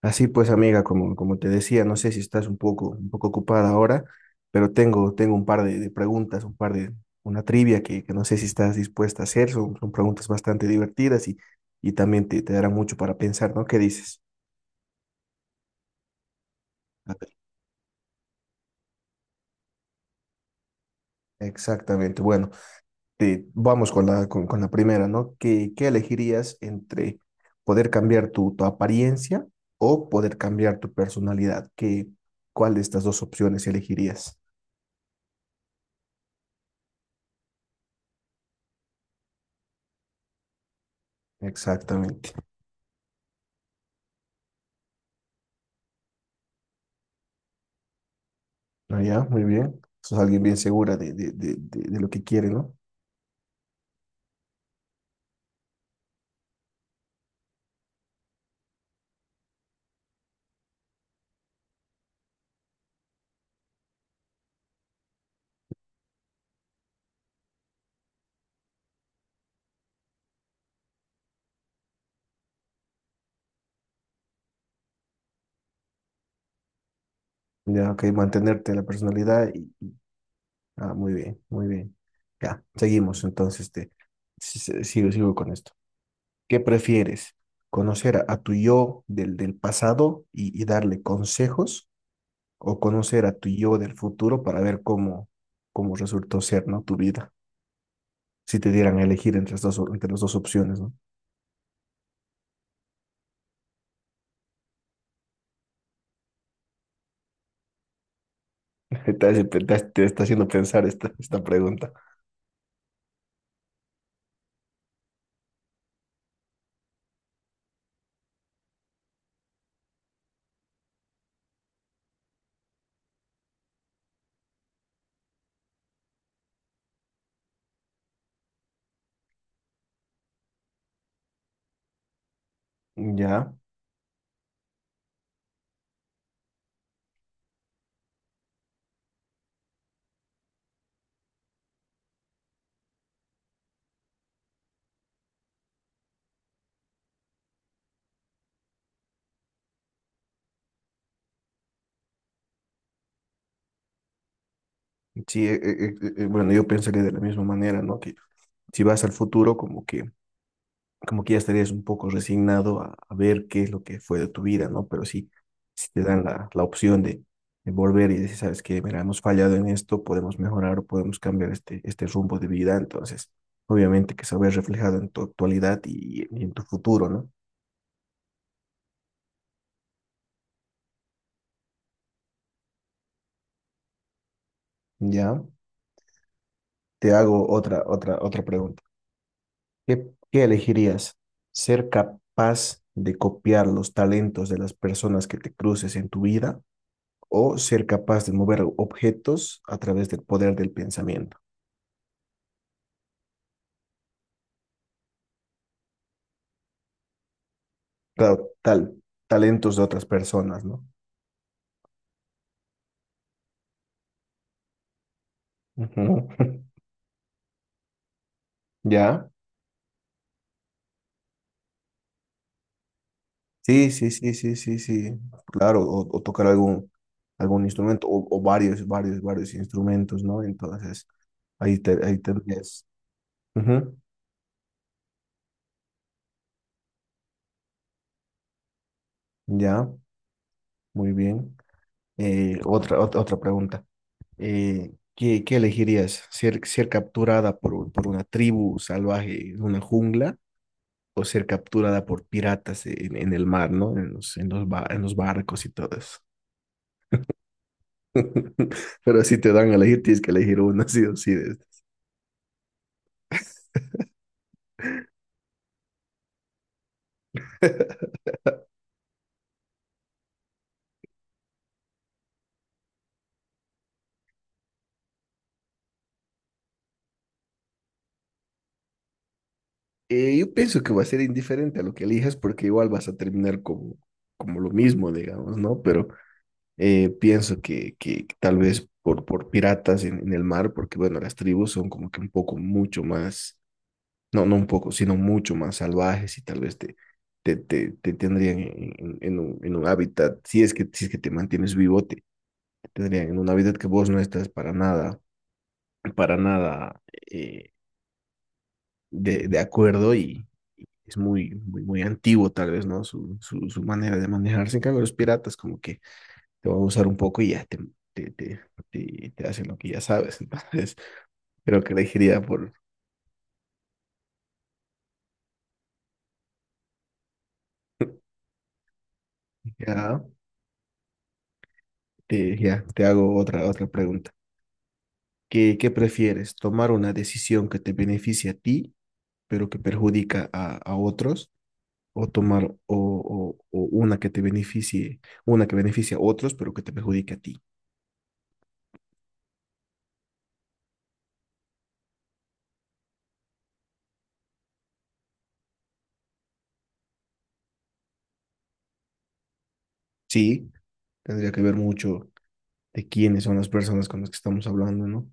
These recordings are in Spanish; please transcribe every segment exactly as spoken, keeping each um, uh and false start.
Así pues, amiga, como, como te decía, no sé si estás un poco, un poco ocupada ahora, pero tengo, tengo un par de, de preguntas, un par de, una trivia que, que no sé si estás dispuesta a hacer. Son, son preguntas bastante divertidas y, y también te, te darán mucho para pensar, ¿no? ¿Qué dices? A ver. Exactamente. Bueno, te, vamos con la, con, con la primera, ¿no? ¿Qué, qué elegirías entre poder cambiar tu, tu apariencia o poder cambiar tu personalidad? ¿Qué, cuál de estas dos opciones elegirías? Exactamente. Ah, ya, muy bien. Sos alguien bien segura de, de, de, de, de lo que quiere, ¿no? Ya, ok, mantenerte la personalidad y. Ah, muy bien, muy bien. Ya, seguimos entonces. Te, si- si- sigo, sigo con esto. ¿Qué prefieres? ¿Conocer a, a tu yo del, del pasado y, y darle consejos? ¿O conocer a tu yo del futuro para ver cómo, cómo resultó ser, ¿no? Tu vida. Si te dieran a elegir entre las dos, entre las dos opciones, ¿no? Te, hace- te, te está haciendo pensar esta, esta pregunta. Ya. Sí, eh, eh, eh, eh, bueno, yo pensaría de la misma manera, ¿no? Que si vas al futuro, como que, como que ya estarías un poco resignado a, a ver qué es lo que fue de tu vida, ¿no? Pero sí, si te dan la, la opción de, de volver y decir, sabes que, mira, hemos fallado en esto, podemos mejorar o podemos cambiar este, este rumbo de vida, entonces, obviamente que se ve reflejado en tu actualidad y, y en tu futuro, ¿no? Ya, te hago otra, otra, otra pregunta. ¿Qué, qué elegirías? ¿Ser capaz de copiar los talentos de las personas que te cruces en tu vida o ser capaz de mover objetos a través del poder del pensamiento? Claro, tal, talentos de otras personas, ¿no? Ujú. ¿Ya? Sí, sí, sí, sí, sí, sí. Claro, o, o tocar algún, algún instrumento o, o varios, varios, varios instrumentos, ¿no? Entonces, ahí, te, ahí tendrías. Ujú. ¿Ya? Muy bien. Eh, otra, ot- otra pregunta. eh, ¿qué, qué elegirías? ¿Ser, ser capturada por, un- por una tribu salvaje en una jungla o ser capturada por piratas en, en el mar, ¿no? En los, en los, ba- en los barcos y todo eso. Pero si te dan a elegir, tienes que elegir una, sí o sí. de- Eh, yo pienso que va a ser indiferente a lo que elijas porque igual vas a terminar como, como lo mismo, digamos, ¿no? Pero eh, pienso que, que, que tal vez por, por piratas en, en el mar, porque bueno, las tribus son como que un poco mucho más, no, no un poco, sino mucho más salvajes y tal vez te, te, te, te tendrían en, en- en un, en un hábitat, si es que, si es que te mantienes vivo, te, te tendrían en un hábitat que vos no estás para nada, para nada eh, de, de acuerdo y es muy, muy, muy antiguo tal vez, ¿no? Su, su, su manera de manejarse. En cambio, los piratas como que te van a usar un poco y ya te, te, te, te, te hacen lo que ya sabes. Entonces, creo que elegiría por. Ya, te, ya, te hago otra, otra pregunta. ¿Qué, qué prefieres? ¿Tomar una decisión que te beneficie a ti, pero que perjudica a, a otros? ¿O tomar o, o- o una que te beneficie, una que beneficie a otros, pero que te perjudique a ti? Sí, tendría que ver mucho de quiénes son las personas con las que estamos hablando, ¿no?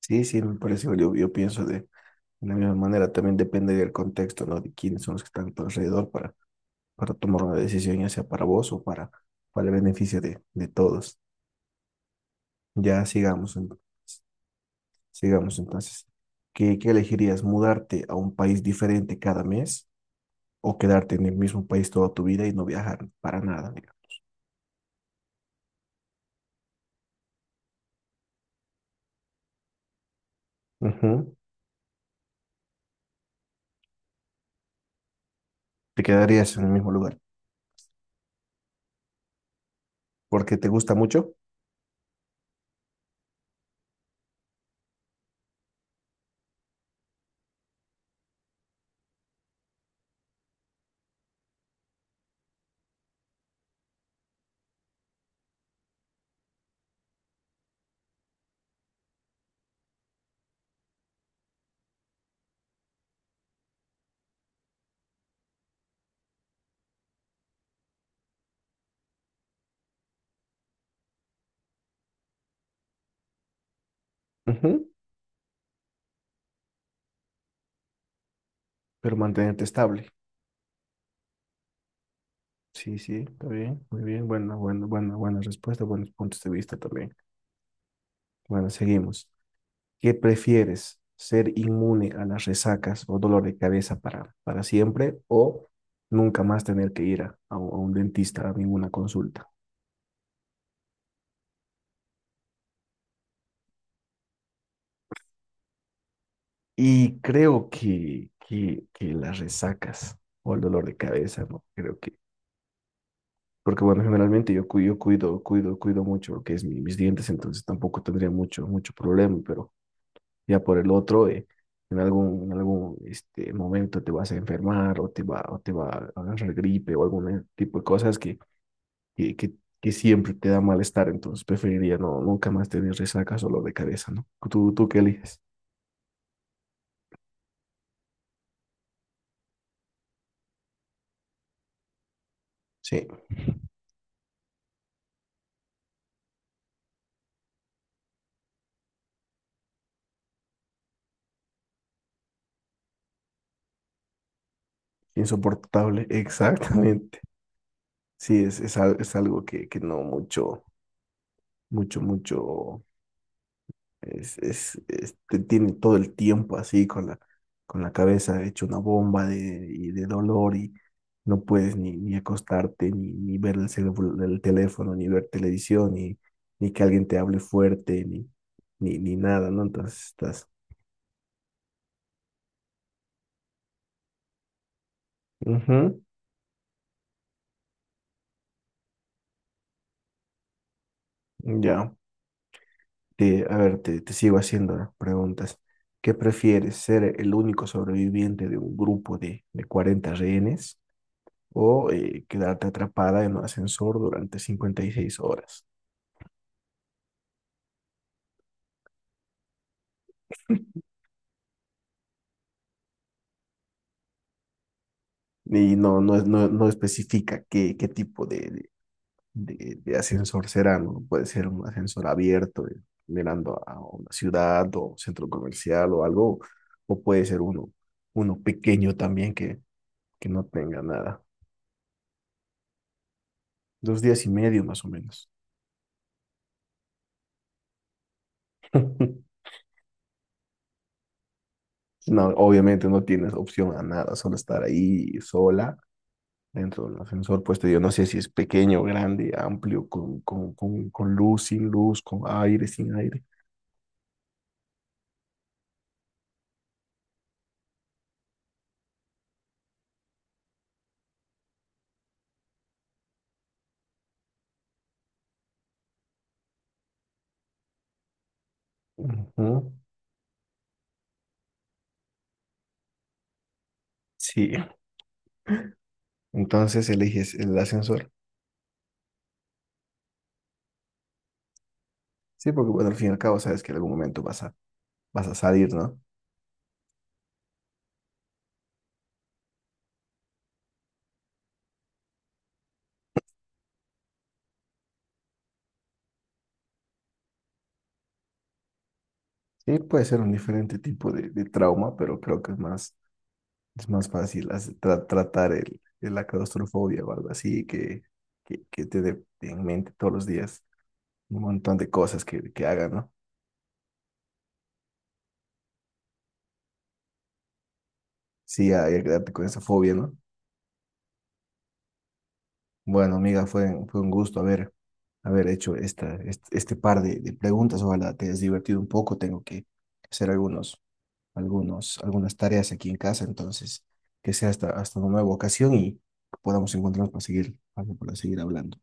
Sí, sí, me parece, yo, yo pienso de, de la misma manera, también depende del contexto, ¿no? De quiénes son los que están a tu alrededor para, para tomar una decisión, ya sea para vos o para, para el beneficio de, de todos. Ya, sigamos entonces. Sigamos entonces. ¿Qué, qué elegirías? ¿Mudarte a un país diferente cada mes o quedarte en el mismo país toda tu vida y no viajar para nada, digamos? Ujú. Te quedarías en el mismo lugar porque te gusta mucho. Ujú. Pero mantenerte estable. Sí, sí, está bien, muy bien. Buena, buena, buena, buena respuesta, buenos puntos de vista también. Bueno, seguimos. ¿Qué prefieres? ¿Ser inmune a las resacas o dolor de cabeza para, para siempre o nunca más tener que ir a, a un a un dentista a ninguna consulta? Y creo que, que, que las resacas o el dolor de cabeza, ¿no? Creo que, porque bueno, generalmente yo, cu- yo cuido, cuido, cuido mucho lo que es mi- mis dientes, entonces tampoco tendría mucho, mucho problema, pero ya por el otro, eh, en algún, en algún este, momento te vas a enfermar o te va, o te va a agarrar gripe o algún tipo de cosas que, que, que, que siempre te da malestar, entonces preferiría no, nunca más tener resacas o dolor de cabeza, ¿no? ¿Tú, tú qué eliges? Sí, insoportable, exactamente. Sí, es, es, al- es algo que, que no mucho, mucho, mucho, es, es, es- te tiene todo el tiempo así con la, con la cabeza hecha una bomba de, y de dolor y no puedes ni, ni acostarte, ni, ni ver el, celu- el teléfono, ni ver televisión, ni, ni que alguien te hable fuerte, ni, ni, ni nada, ¿no? Entonces estás. Ujú. Ya. Te- a ver, te, te sigo haciendo las preguntas. ¿Qué prefieres, ser el único sobreviviente de un grupo de, de cuarenta rehenes o eh, quedarte atrapada en un ascensor durante cincuenta y seis horas? Y no, no, es- no, no especifica qué, qué tipo de, de, de- de ascensor será, ¿no? Puede ser un ascensor abierto, eh, mirando a una ciudad o centro comercial o algo, o puede ser uno, uno pequeño también que, que no tenga nada. Dos días y medio más o menos. No, obviamente no tienes opción a nada, solo estar ahí sola dentro del ascensor puesto. Yo no sé si es pequeño, grande, amplio, con, con, con, con luz, sin luz, con aire, sin aire. Ujú. Sí, entonces eliges el ascensor. Sí, porque bueno, al fin y al cabo sabes que en algún momento vas a, vas a salir, ¿no? Sí, puede ser un diferente tipo de, de trauma, pero creo que es más, es más fácil hace- tra- tratar el, la claustrofobia o algo así que, que, que te dé en mente todos los días. Un montón de cosas que, que hagan, ¿no? Sí, hay que quedarte con esa fobia, ¿no? Bueno, amiga, fue, fue un gusto haber, haber hecho esta, este, este par de, de preguntas. Ojalá te hayas divertido un poco. Tengo que hacer algunos, algunos, algunas tareas aquí en casa, entonces que sea hasta, hasta una nueva ocasión y podamos encontrarnos para seguir, para para seguir hablando.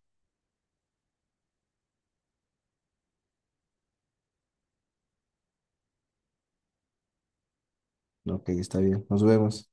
¿No? Ok, está bien. Nos vemos.